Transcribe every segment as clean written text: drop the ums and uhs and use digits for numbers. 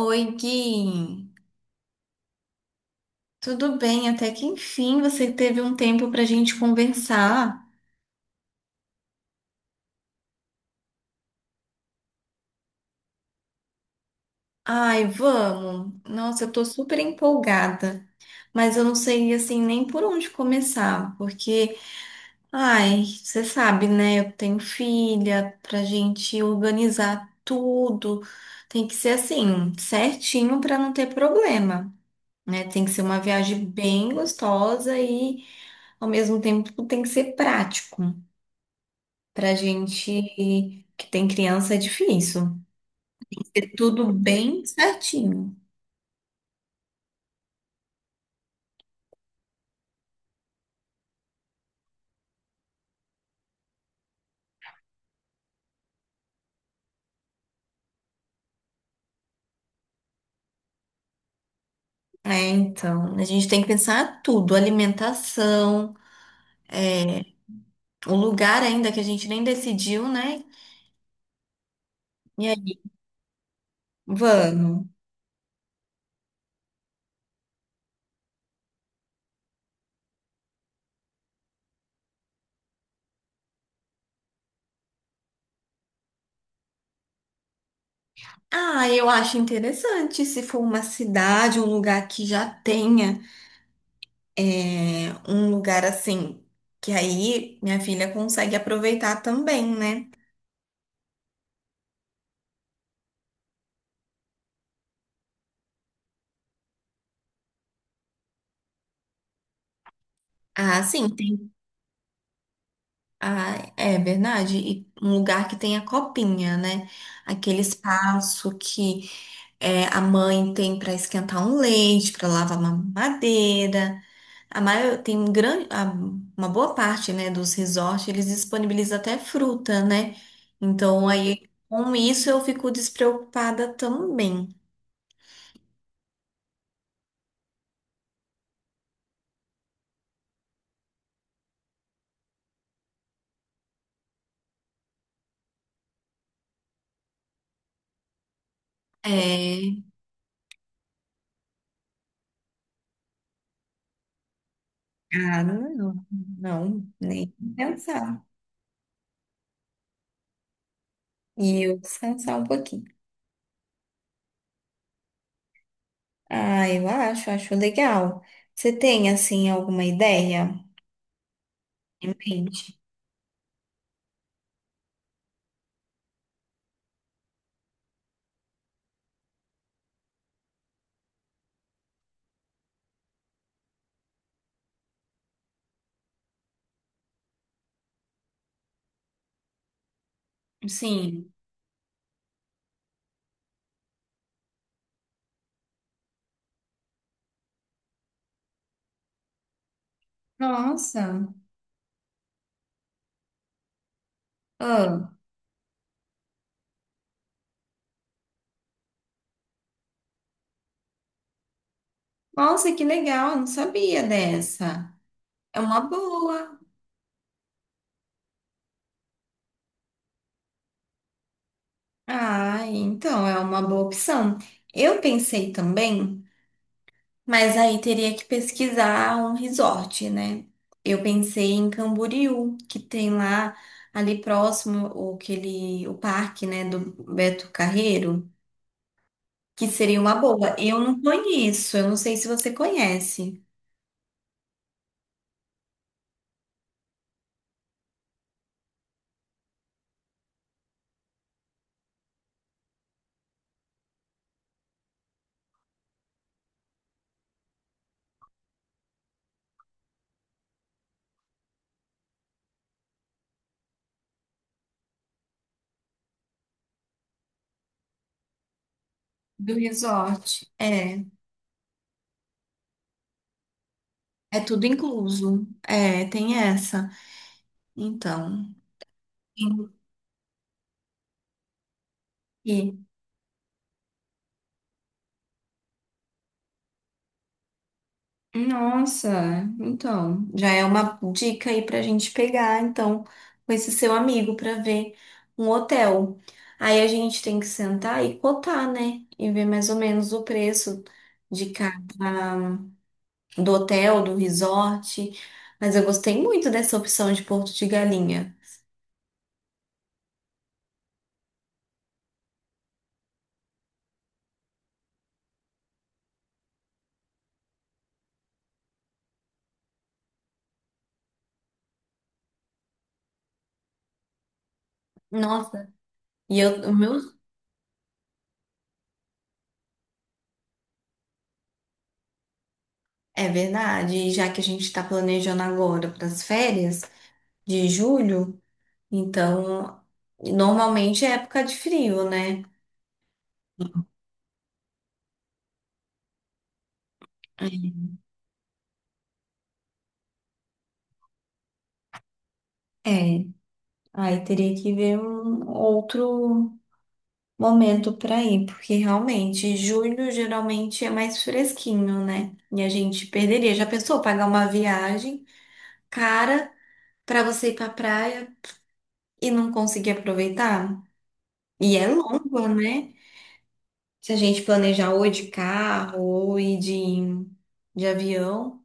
Oi, Gui. Tudo bem? Até que enfim você teve um tempo pra gente conversar. Ai, vamos. Nossa, eu tô super empolgada, mas eu não sei assim nem por onde começar, porque, ai, você sabe, né? Eu tenho filha, pra gente organizar tudo, tem que ser assim, certinho pra não ter problema, né? Tem que ser uma viagem bem gostosa e ao mesmo tempo tem que ser prático. Pra gente que tem criança é difícil. Ter tudo bem certinho. É, então, a gente tem que pensar tudo, alimentação, é, o lugar ainda que a gente nem decidiu, né? E aí, vamos. Ah, eu acho interessante se for uma cidade, um lugar que já tenha um lugar assim, que aí minha filha consegue aproveitar também, né? Ah, sim. Ah, é verdade. E um lugar que tem a copinha, né? Aquele espaço que a mãe tem para esquentar um leite, para lavar uma mamadeira. A maior, tem um grande, uma boa parte, né, dos resorts, eles disponibilizam até fruta, né? Então aí com isso eu fico despreocupada também. É... Ah, não, não, nem pensar. E eu descansar um pouquinho. Ah, acho legal. Você tem, assim, alguma ideia em mente? Sim. Nossa. Ah, nossa, que legal. Eu Não sabia dessa. É uma boa. Ah, então é uma boa opção. Eu pensei também, mas aí teria que pesquisar um resort, né? Eu pensei em Camboriú, que tem lá ali próximo o, aquele, o parque, né, do Beto Carreiro, que seria uma boa. Eu não conheço, eu não sei se você conhece. Do resort. É, é tudo incluso. É, tem essa. Então, tem que- Nossa, então, já é uma dica aí pra gente pegar, então, com esse seu amigo pra ver um hotel. Aí a gente tem que sentar e cotar, né? E ver mais ou menos o preço de cada, do hotel, do resort, mas eu gostei muito dessa opção de Porto de Galinha. Nossa, e eu, o meu, é verdade, e já que a gente está planejando agora para as férias de julho, então normalmente é época de frio, né? É, é, aí teria que ver um outro momento para ir, porque realmente julho geralmente é mais fresquinho, né? E a gente perderia. Já pensou pagar uma viagem cara para você ir para praia e não conseguir aproveitar. E é longa, né? Se a gente planejar ou ir de carro ou ir de avião.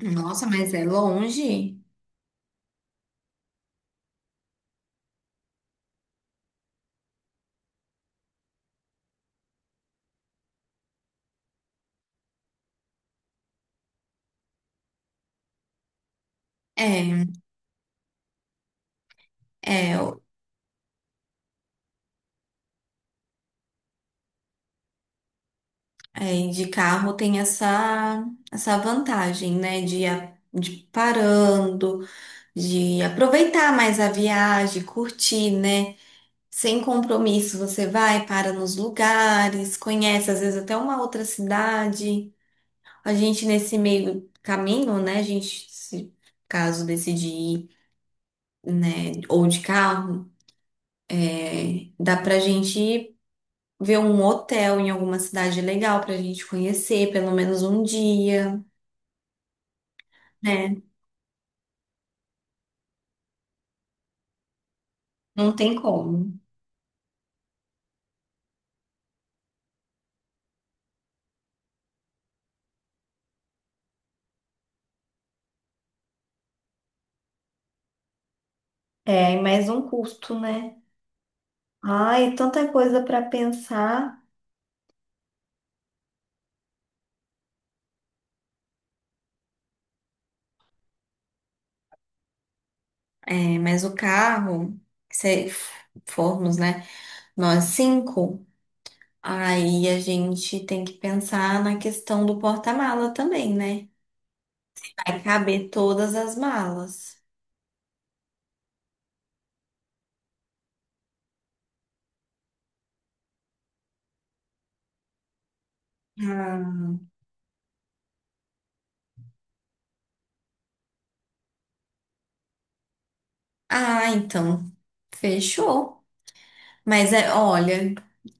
Nossa, mas é longe. É, é, o- e de carro tem essa vantagem, né? De, de ir parando, de aproveitar mais a viagem, curtir, né? Sem compromisso, você vai, para nos lugares, conhece às vezes até uma outra cidade. A gente nesse meio caminho, né? A gente, se caso decidir, ir, né, ou de carro, dá pra gente ver um hotel em alguma cidade legal pra gente conhecer pelo menos um dia, né? Não tem como. É, e mais um custo, né? Ai, tanta coisa para pensar. É, mas o carro, se formos, né? Nós cinco, aí a gente tem que pensar na questão do porta-mala também, né? Vai caber todas as malas. Ah, ah, então, fechou. Mas é, olha,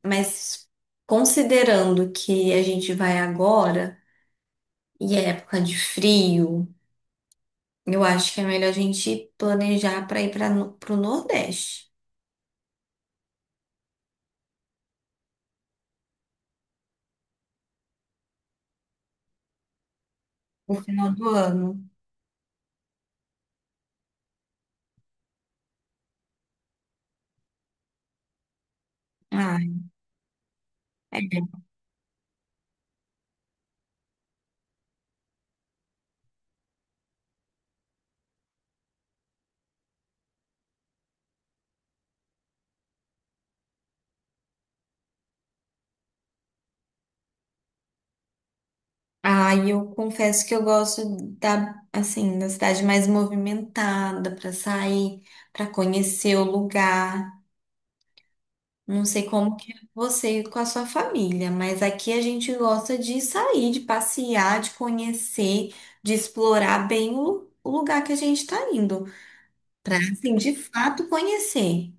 mas considerando que a gente vai agora e é época de frio, eu acho que é melhor a gente planejar para ir para o Nordeste. Final do ano. Ah, é. Ah, e eu confesso que eu gosto da, assim, da cidade mais movimentada para sair, para conhecer o lugar. Não sei como que é você com a sua família, mas aqui a gente gosta de sair, de passear, de conhecer, de explorar bem o lugar que a gente está indo, para assim, de fato conhecer.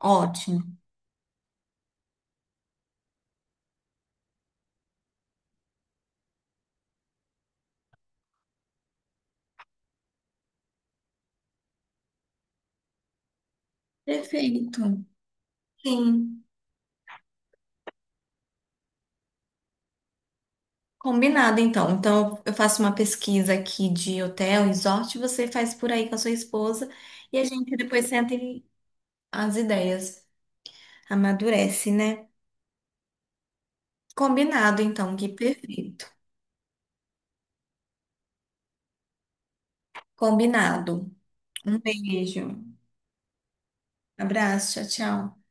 Ótimo. Perfeito. Sim, combinado então. Então eu faço uma pesquisa aqui de hotel, resort, você faz por aí com a sua esposa e a gente depois senta e as ideias amadurece, né? Combinado então, que perfeito. Combinado. Um beijo. Abraço. Tchau, tchau.